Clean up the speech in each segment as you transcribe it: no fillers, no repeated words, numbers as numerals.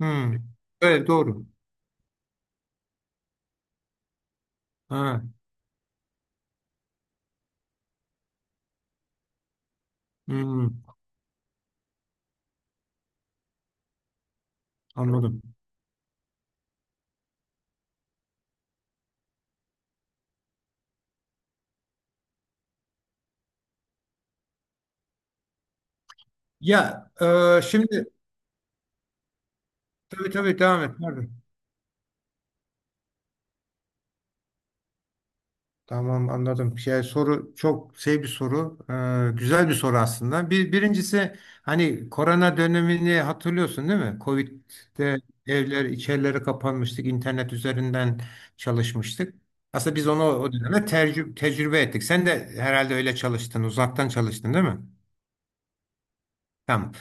Hmm. Evet, doğru. Ha. Hmm. Anladım. Ya, şimdi tabii tabii devam et. Pardon. Tamam, anladım. Şey, soru çok şey bir soru. Güzel bir soru aslında. Birincisi hani korona dönemini hatırlıyorsun, değil mi? Covid'de evler içerileri kapanmıştık. İnternet üzerinden çalışmıştık. Aslında biz onu o dönemde tecrübe ettik. Sen de herhalde öyle çalıştın. Uzaktan çalıştın, değil mi? Tamam.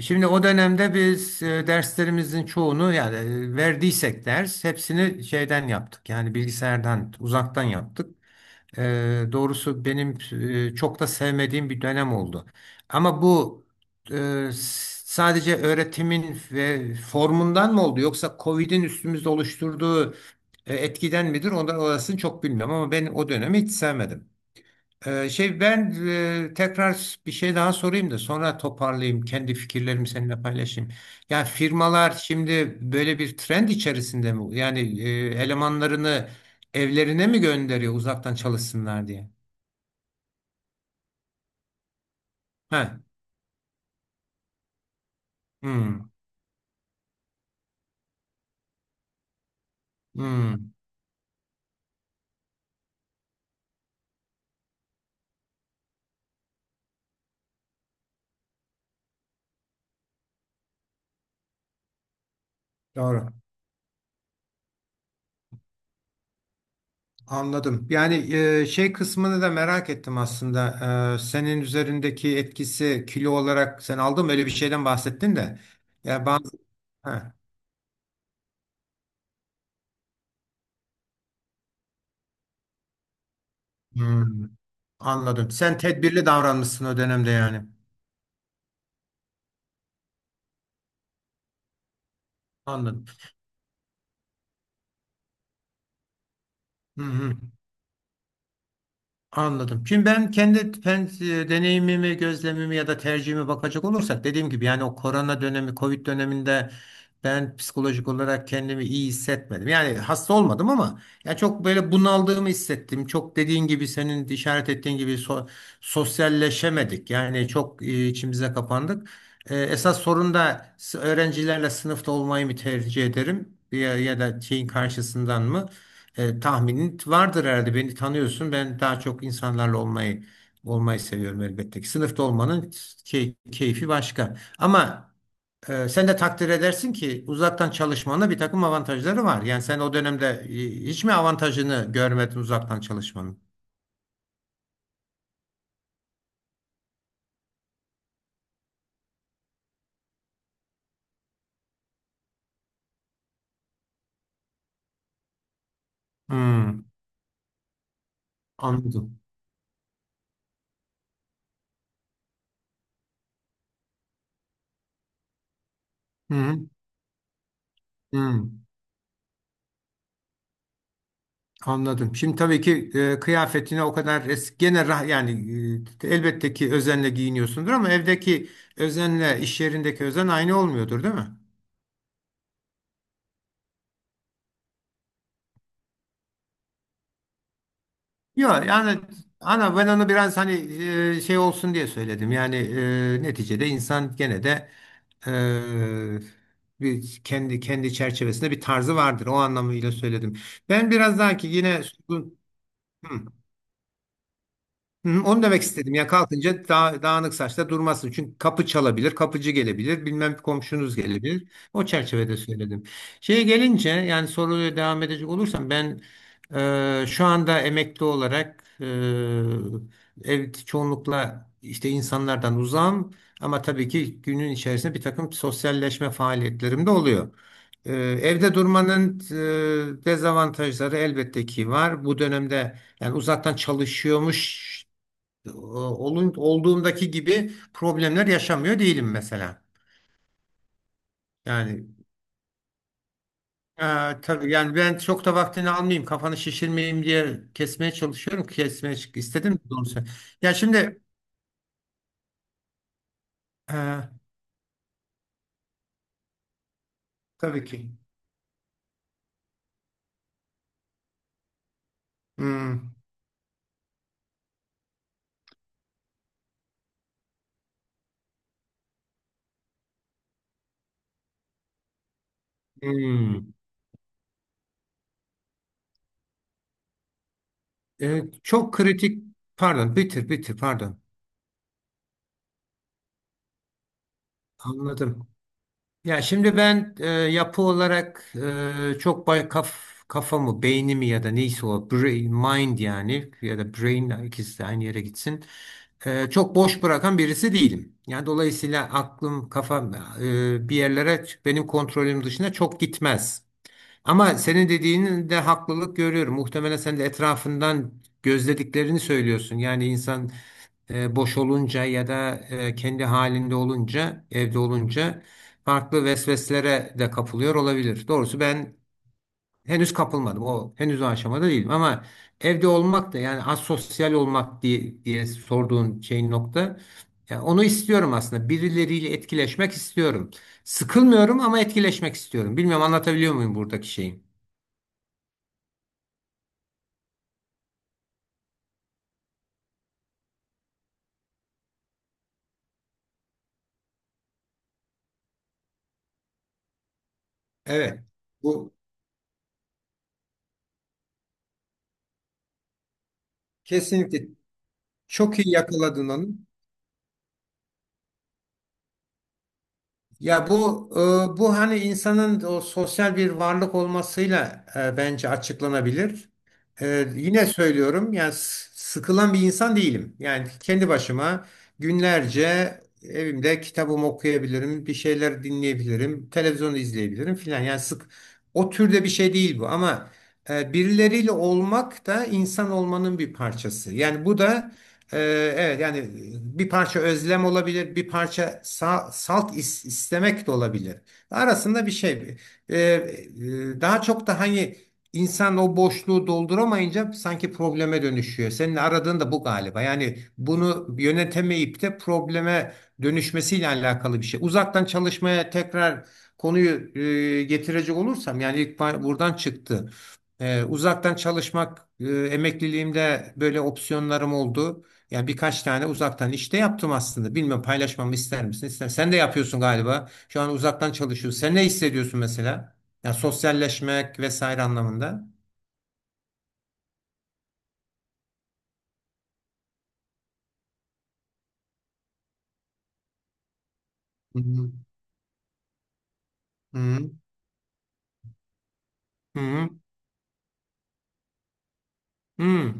Şimdi o dönemde biz derslerimizin çoğunu yani verdiysek ders hepsini şeyden yaptık. Yani bilgisayardan uzaktan yaptık. E, Doğrusu benim çok da sevmediğim bir dönem oldu. Ama bu e, sadece öğretimin ve formundan mı oldu, yoksa Covid'in üstümüzde oluşturduğu etkiden midir? Onu, orasını çok bilmiyorum ama ben o dönemi hiç sevmedim. Şey, ben tekrar bir şey daha sorayım da sonra toparlayayım kendi fikirlerimi seninle paylaşayım. Yani firmalar şimdi böyle bir trend içerisinde mi? Yani elemanlarını evlerine mi gönderiyor uzaktan çalışsınlar diye? Ha. Hmm. Hmm. Doğru. Anladım. Yani şey kısmını da merak ettim aslında. Senin üzerindeki etkisi kilo olarak sen aldın mı? Öyle bir şeyden bahsettin de. Ya bazı. Ha. Hmm. Anladım. Sen tedbirli davranmışsın o dönemde yani. Anladım. Hı hı. Anladım. Şimdi ben kendi deneyimimi, gözlemimi ya da tercihimi bakacak olursak dediğim gibi yani o korona dönemi, Covid döneminde ben psikolojik olarak kendimi iyi hissetmedim. Yani hasta olmadım ama ya çok böyle bunaldığımı hissettim. Çok dediğin gibi, senin işaret ettiğin gibi sosyalleşemedik. Yani çok içimize kapandık. Esas sorun da öğrencilerle sınıfta olmayı mı tercih ederim ya, ya da şeyin karşısından mı? Tahminin vardır herhalde. Beni tanıyorsun. Ben daha çok insanlarla olmayı seviyorum elbette ki. Sınıfta olmanın keyfi başka. Ama sen de takdir edersin ki uzaktan çalışmanın bir takım avantajları var. Yani sen o dönemde hiç mi avantajını görmedin uzaktan çalışmanın? Hmm, anladım. Hı hı. Hı. Anladım. Şimdi tabii ki kıyafetine o kadar es gene rah yani elbette ki özenle giyiniyorsundur ama evdeki özenle iş yerindeki özen aynı olmuyordur, değil mi? Yok yani ana ben onu biraz hani şey olsun diye söyledim. Yani neticede insan gene de bir kendi çerçevesinde bir tarzı vardır. O anlamıyla söyledim. Ben biraz daha ki yine. Hı. Hı, onu demek istedim. Ya kalkınca daha, dağınık saçta durmasın. Çünkü kapı çalabilir, kapıcı gelebilir, bilmem komşunuz gelebilir. O çerçevede söyledim. Şeye gelince yani soruya devam edecek olursam ben şu anda emekli olarak ev çoğunlukla işte insanlardan uzağım ama tabii ki günün içerisinde bir takım sosyalleşme faaliyetlerim de oluyor. Evde durmanın dezavantajları elbette ki var. Bu dönemde yani uzaktan çalışıyormuş olduğumdaki gibi problemler yaşamıyor değilim mesela. Yani e, tabii yani ben çok da vaktini almayayım, kafanı şişirmeyeyim diye kesmeye çalışıyorum. Kesmeye istedim doğrusu. Ya şimdi, e, tabii ki. Hmm, hmm. Çok kritik, pardon, bitir bitir, pardon. Anladım. Ya şimdi ben yapı olarak çok kafamı, beynimi ya da neyse o brain, mind yani ya da brain ikisi de aynı yere gitsin. Çok boş bırakan birisi değilim. Yani dolayısıyla aklım, kafam bir yerlere benim kontrolüm dışında çok gitmez. Ama senin dediğinin de haklılık görüyorum. Muhtemelen sen de etrafından gözlediklerini söylüyorsun. Yani insan boş olunca ya da kendi halinde olunca, evde olunca farklı vesveselere de kapılıyor olabilir. Doğrusu ben henüz kapılmadım. O henüz o aşamada değilim ama evde olmak da yani asosyal olmak diye sorduğun şeyin nokta. Yani onu istiyorum aslında. Birileriyle etkileşmek istiyorum. Sıkılmıyorum ama etkileşmek istiyorum. Bilmiyorum anlatabiliyor muyum buradaki şeyi? Evet, bu kesinlikle çok iyi yakaladın onu. Ya bu hani insanın o sosyal bir varlık olmasıyla bence açıklanabilir. Yine söylüyorum yani sıkılan bir insan değilim. Yani kendi başıma günlerce evimde kitabımı okuyabilirim, bir şeyler dinleyebilirim, televizyon izleyebilirim filan. Yani sık o türde bir şey değil bu ama birileriyle olmak da insan olmanın bir parçası. Yani bu da. Ee, evet yani bir parça özlem olabilir, bir parça salt istemek de olabilir. Arasında bir şey. Daha çok da hani insan o boşluğu dolduramayınca sanki probleme dönüşüyor. Senin aradığın da bu galiba. Yani bunu yönetemeyip de probleme dönüşmesiyle alakalı bir şey. Uzaktan çalışmaya tekrar konuyu getirecek olursam yani ilk buradan çıktı. Uzaktan çalışmak emekliliğimde böyle opsiyonlarım oldu. Yani birkaç tane uzaktan işte yaptım aslında. Bilmem paylaşmamı ister misin? İster. Sen de yapıyorsun galiba. Şu an uzaktan çalışıyorsun. Sen ne hissediyorsun mesela? Ya, sosyalleşmek vesaire anlamında. Hı hı. Hı hı. Hı.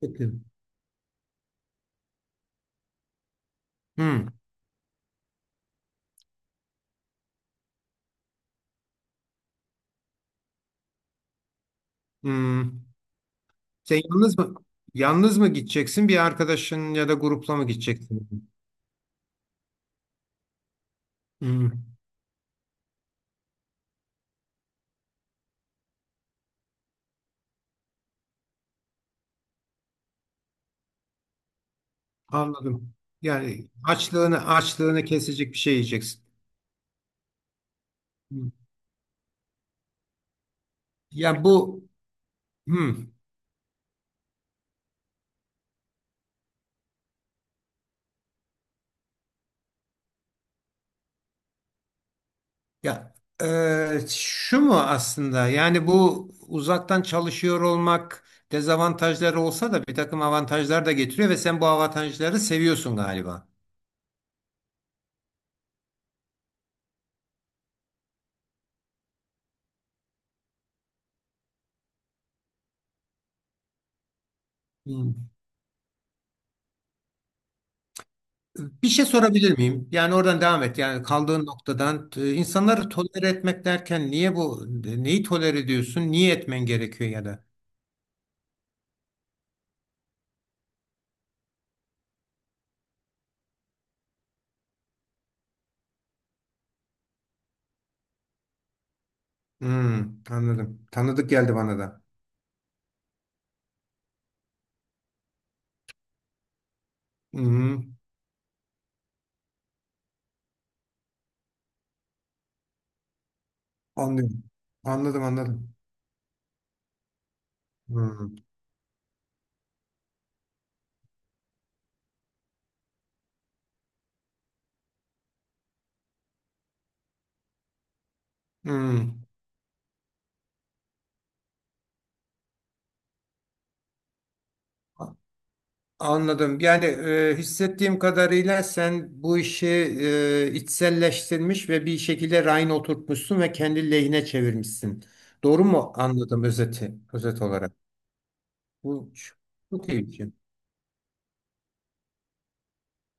Peki. Hı. Hı. Sen yalnız mı gideceksin? Bir arkadaşın ya da grupla mı gideceksin? Hı. Anladım. Yani açlığını kesecek bir şey yiyeceksin. Hı. Ya bu, hı. Ya şu mu aslında yani bu uzaktan çalışıyor olmak dezavantajları olsa da bir takım avantajlar da getiriyor ve sen bu avantajları seviyorsun galiba. Hmm. Bir şey sorabilir miyim? Yani oradan devam et. Yani kaldığın noktadan insanları tolere etmek derken niye bu neyi tolere ediyorsun? Niye etmen gerekiyor, ya da? Hmm, anladım. Tanıdık geldi bana da. Hmm, anlıyorum. Anladım, anladım. Hmm, hmm. Anladım. Yani hissettiğim kadarıyla sen bu işi içselleştirmiş ve bir şekilde rayına oturtmuşsun ve kendi lehine çevirmişsin. Doğru mu anladım özet olarak? Bu çok iyi bir şey.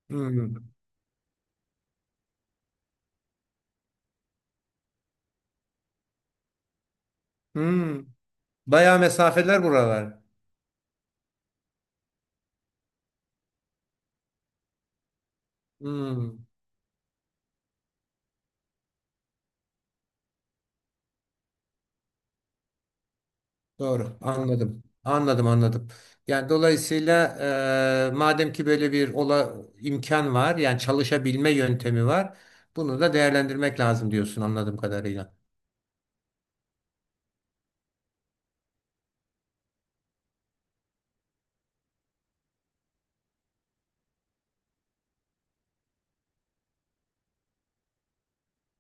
Hmm. Hmm. Bayağı mesafeler buralar. Hmm. Doğru. Anladım. Anladım, anladım. Yani dolayısıyla madem ki böyle bir imkan var, yani çalışabilme yöntemi var, bunu da değerlendirmek lazım diyorsun anladığım kadarıyla.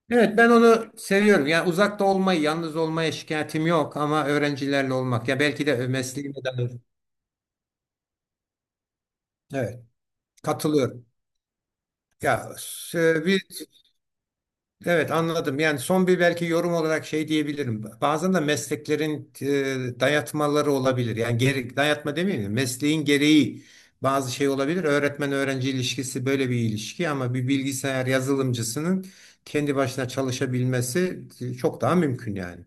Evet, ben onu seviyorum. Yani uzakta olmayı, yalnız olmaya şikayetim yok ama öğrencilerle olmak. Ya belki de mesleğime dair. Evet, katılıyorum. Ya s- bir evet, anladım. Yani son bir belki yorum olarak şey diyebilirim. Bazen de mesleklerin dayatmaları olabilir. Yani dayatma demeyeyim de mesleğin gereği bazı şey olabilir. Öğretmen öğrenci ilişkisi böyle bir ilişki ama bir bilgisayar yazılımcısının kendi başına çalışabilmesi çok daha mümkün yani.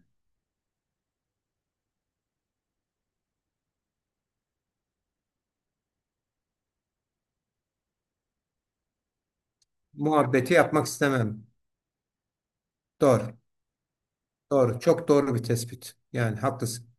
Muhabbeti yapmak istemem. Doğru. Doğru. Çok doğru bir tespit. Yani haklısın.